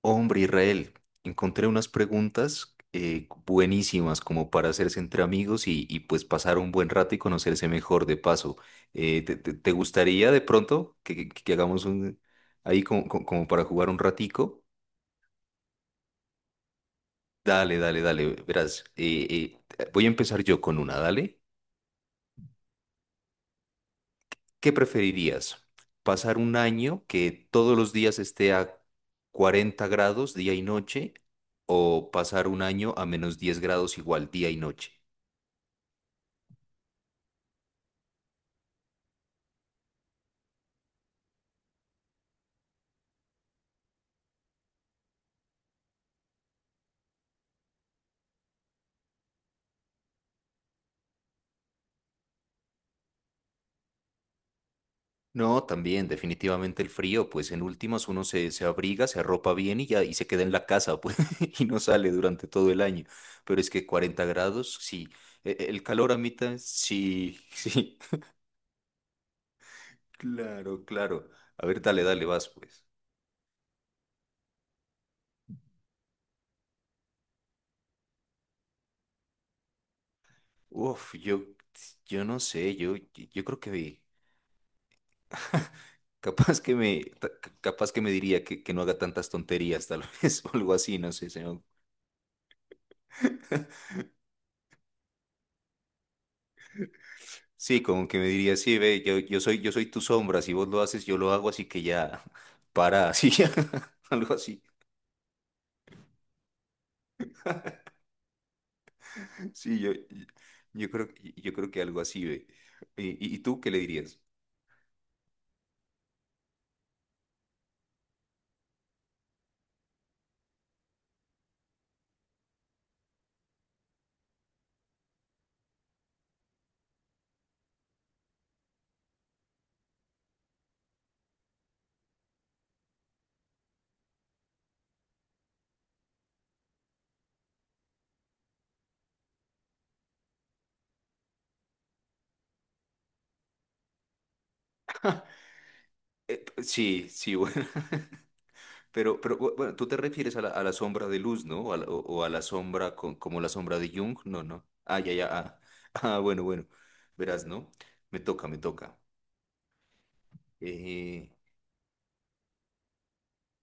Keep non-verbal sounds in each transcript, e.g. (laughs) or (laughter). Hombre, Israel, encontré unas preguntas buenísimas como para hacerse entre amigos y pues pasar un buen rato y conocerse mejor de paso. Te gustaría de pronto que hagamos un ahí como, como para jugar un ratico? Dale. Verás, voy a empezar yo con una, dale. ¿Qué preferirías? ¿Pasar un año que todos los días esté a 40 grados día y noche o pasar un año a menos 10 grados igual día y noche? No, también, definitivamente el frío, pues en últimas uno se abriga, se arropa bien y ya, y se queda en la casa, pues, (laughs) y no sale durante todo el año. Pero es que 40 grados, sí. El calor, amita, sí, (laughs) sí. Claro, claro. A ver, vas, pues. Uf, yo no sé, yo creo que capaz que me, ta- capaz que me diría que no haga tantas tonterías, tal vez, (laughs) o algo así, no sé, se me. Sí, como que me diría, sí, ve, yo soy tu sombra, si vos lo haces, yo lo hago, así que ya, (laughs) para, así, (laughs) algo así. (laughs) Sí, yo creo, yo creo que algo así, ve. ¿Y, y tú qué le dirías? Sí, sí, bueno, (laughs) bueno, tú te refieres a la sombra de luz, ¿no? O a la, o a la sombra como la sombra de Jung, no, no. Ah, ya, ya, ah, (laughs) ah, bueno, bueno, verás, ¿no? Me toca, me toca. Eh,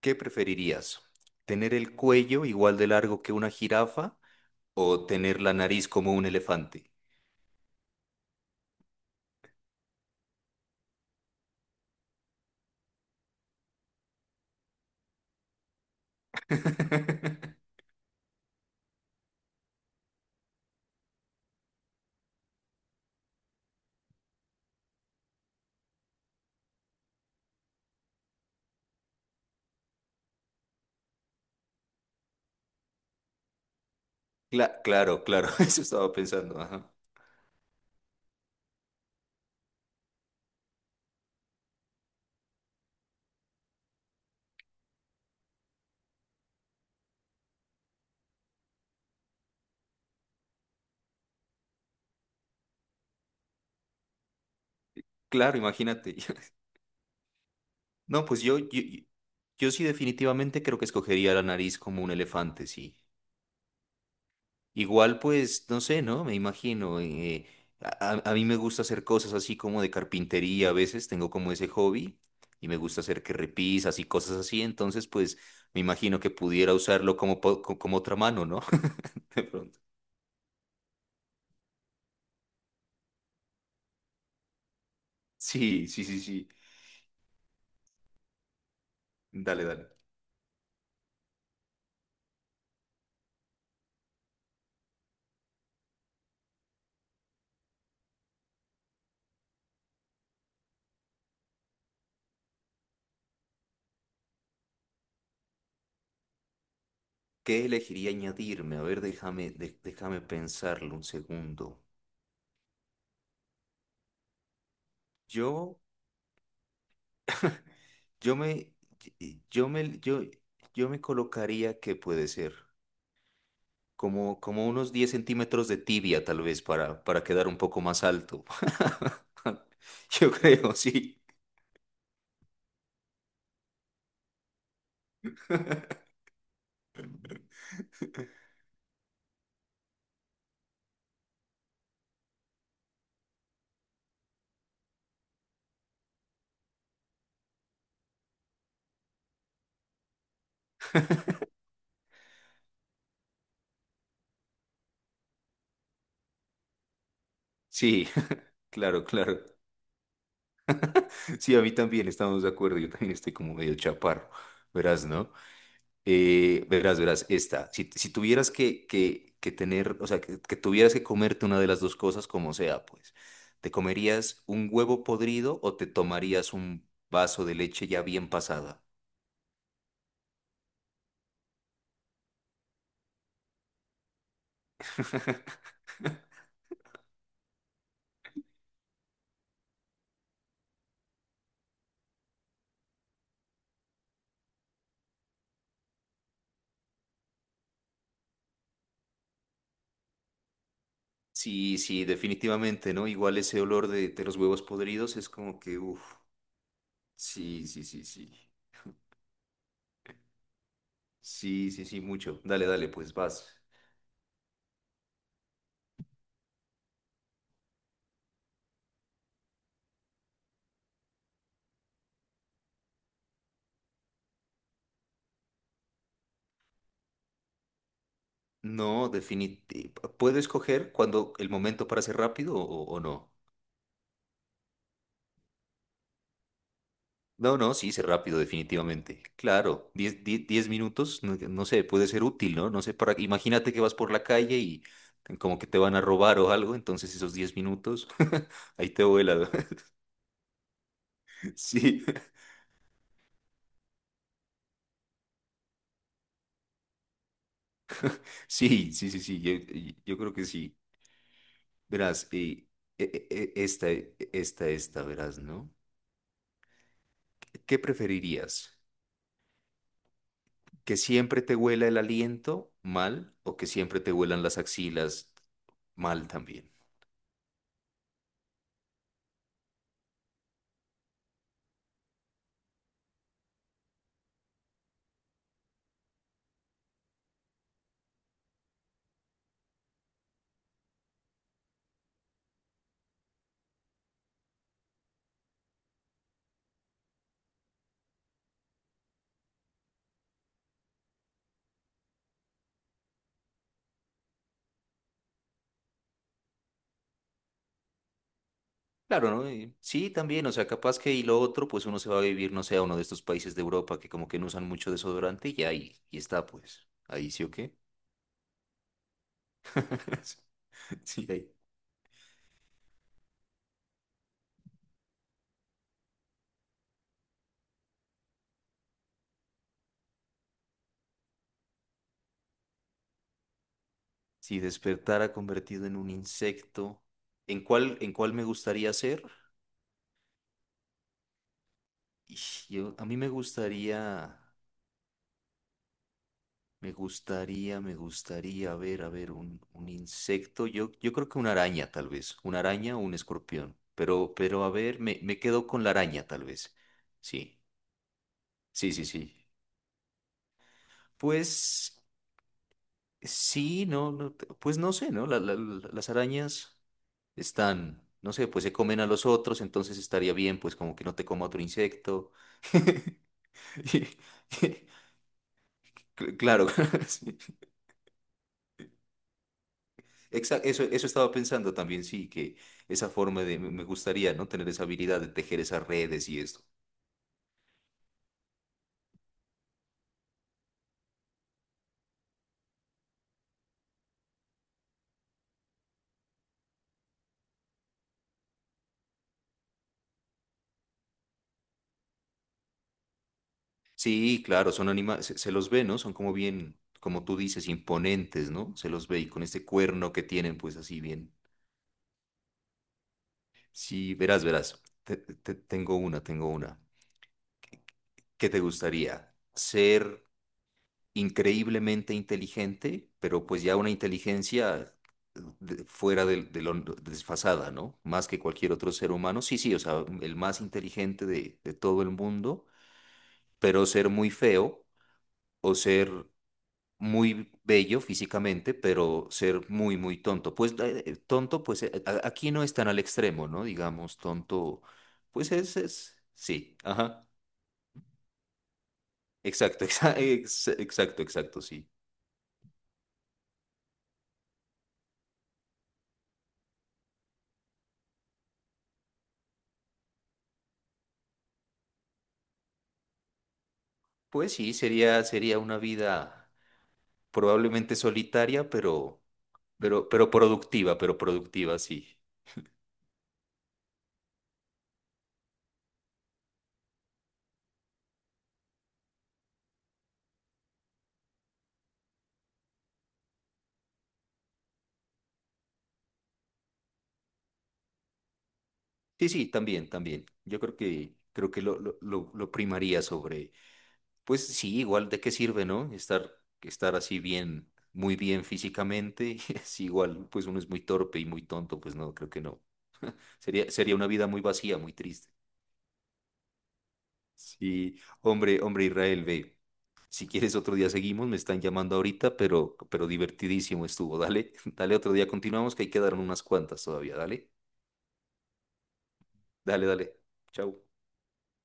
¿Qué preferirías? ¿Tener el cuello igual de largo que una jirafa? O tener la nariz como un elefante. (laughs) Claro, claro, (laughs) eso estaba pensando. Ajá. Claro, imagínate. (laughs) No, pues yo, yo sí definitivamente creo que escogería la nariz como un elefante, sí. Igual, pues, no sé, ¿no? Me imagino. A mí me gusta hacer cosas así como de carpintería a veces, tengo como ese hobby y me gusta hacer que repisas y cosas así, entonces, pues, me imagino que pudiera usarlo como, como otra mano, ¿no? (laughs) De pronto. Sí, sí, sí, sí. Dale, dale. ¿Qué elegiría añadirme? A ver, déjame pensarlo un segundo. Yo, yo me, yo me, yo, yo me colocaría que puede ser como, como unos 10 centímetros de tibia, tal vez, para quedar un poco más alto. (laughs) Yo creo, sí. Sí, (laughs) claro, claro. Sí, a mí también estamos de acuerdo. Yo también estoy como medio chaparro. Verás, ¿no? Verás, esta. Si tuvieras que tener, o sea, que tuvieras que comerte una de las dos cosas, como sea, pues, ¿te comerías un huevo podrido o te tomarías un vaso de leche ya bien pasada? (laughs) Sí, sí, definitivamente, ¿no? Igual ese olor de los huevos podridos es como que, uff, sí, sí, sí, sí. Sí, sí, sí, mucho. Dale, dale, pues vas. No, definitivamente. ¿Puedo escoger cuando el momento para ser rápido o no? No, no, sí, sí, rápido, definitivamente. Claro, 10 minutos, no, no sé, puede ser útil, ¿no? No sé, para, imagínate que vas por la calle y como que te van a robar o algo, entonces esos 10 minutos, (laughs) ahí te vuela. (laughs) Sí, (laughs) sí, sí, sí, sí, yo creo que sí. Verás, esta, verás, ¿no? ¿Qué preferirías? ¿Que siempre te huela el aliento mal o que siempre te huelan las axilas mal también? Claro, ¿no? Y sí, también, o sea, capaz que y lo otro, pues uno se va a vivir, no sé, a uno de estos países de Europa que como que no usan mucho desodorante y ya ahí, y está, pues, ahí sí o qué. (laughs) Sí, ahí. Si despertara convertido en un insecto, en cuál me gustaría ser? Ish, a mí me gustaría, a ver, un insecto, yo creo que una araña tal vez, una araña o un escorpión, pero a ver, me quedo con la araña tal vez, sí. Sí, sí, sí. Pues sí, pues no sé, ¿no? Las arañas están, no sé, pues se comen a los otros, entonces estaría bien, pues como que no te coma otro insecto. (laughs) Y- Claro, (laughs) sí. Eso, eso estaba pensando también, sí, que esa forma de, me gustaría, ¿no? Tener esa habilidad de tejer esas redes y esto. Sí, claro, son animales, se los ve, ¿no? Son como bien, como tú dices, imponentes, ¿no? Se los ve y con este cuerno que tienen, pues así bien. Sí, verás, verás. Tengo una, tengo una. ¿Qué te gustaría? ¿Ser increíblemente inteligente, pero pues ya una inteligencia fuera de lo desfasada, ¿no? Más que cualquier otro ser humano. Sí, sí, o sea, el más inteligente de todo el mundo, pero ser muy feo o ser muy bello físicamente, pero ser muy, muy tonto. Pues tonto, pues aquí no es tan al extremo, ¿no? Digamos, tonto, pues es, sí, ajá, exacto, (laughs) exacto, sí. Pues sí, sería, sería una vida probablemente solitaria, pero productiva, sí. Sí, sí, también, también. Yo creo que, creo que lo primaría sobre. Pues sí, igual de qué sirve, ¿no? Estar, estar así bien, muy bien físicamente, (laughs) es igual, pues uno es muy torpe y muy tonto, pues no, creo que no. Sería, sería una vida muy vacía, muy triste. Sí, hombre, hombre Israel, ve, si quieres otro día seguimos, me están llamando ahorita, pero divertidísimo estuvo, dale, (laughs) dale otro día continuamos, que ahí quedaron unas cuantas todavía, dale, Chau.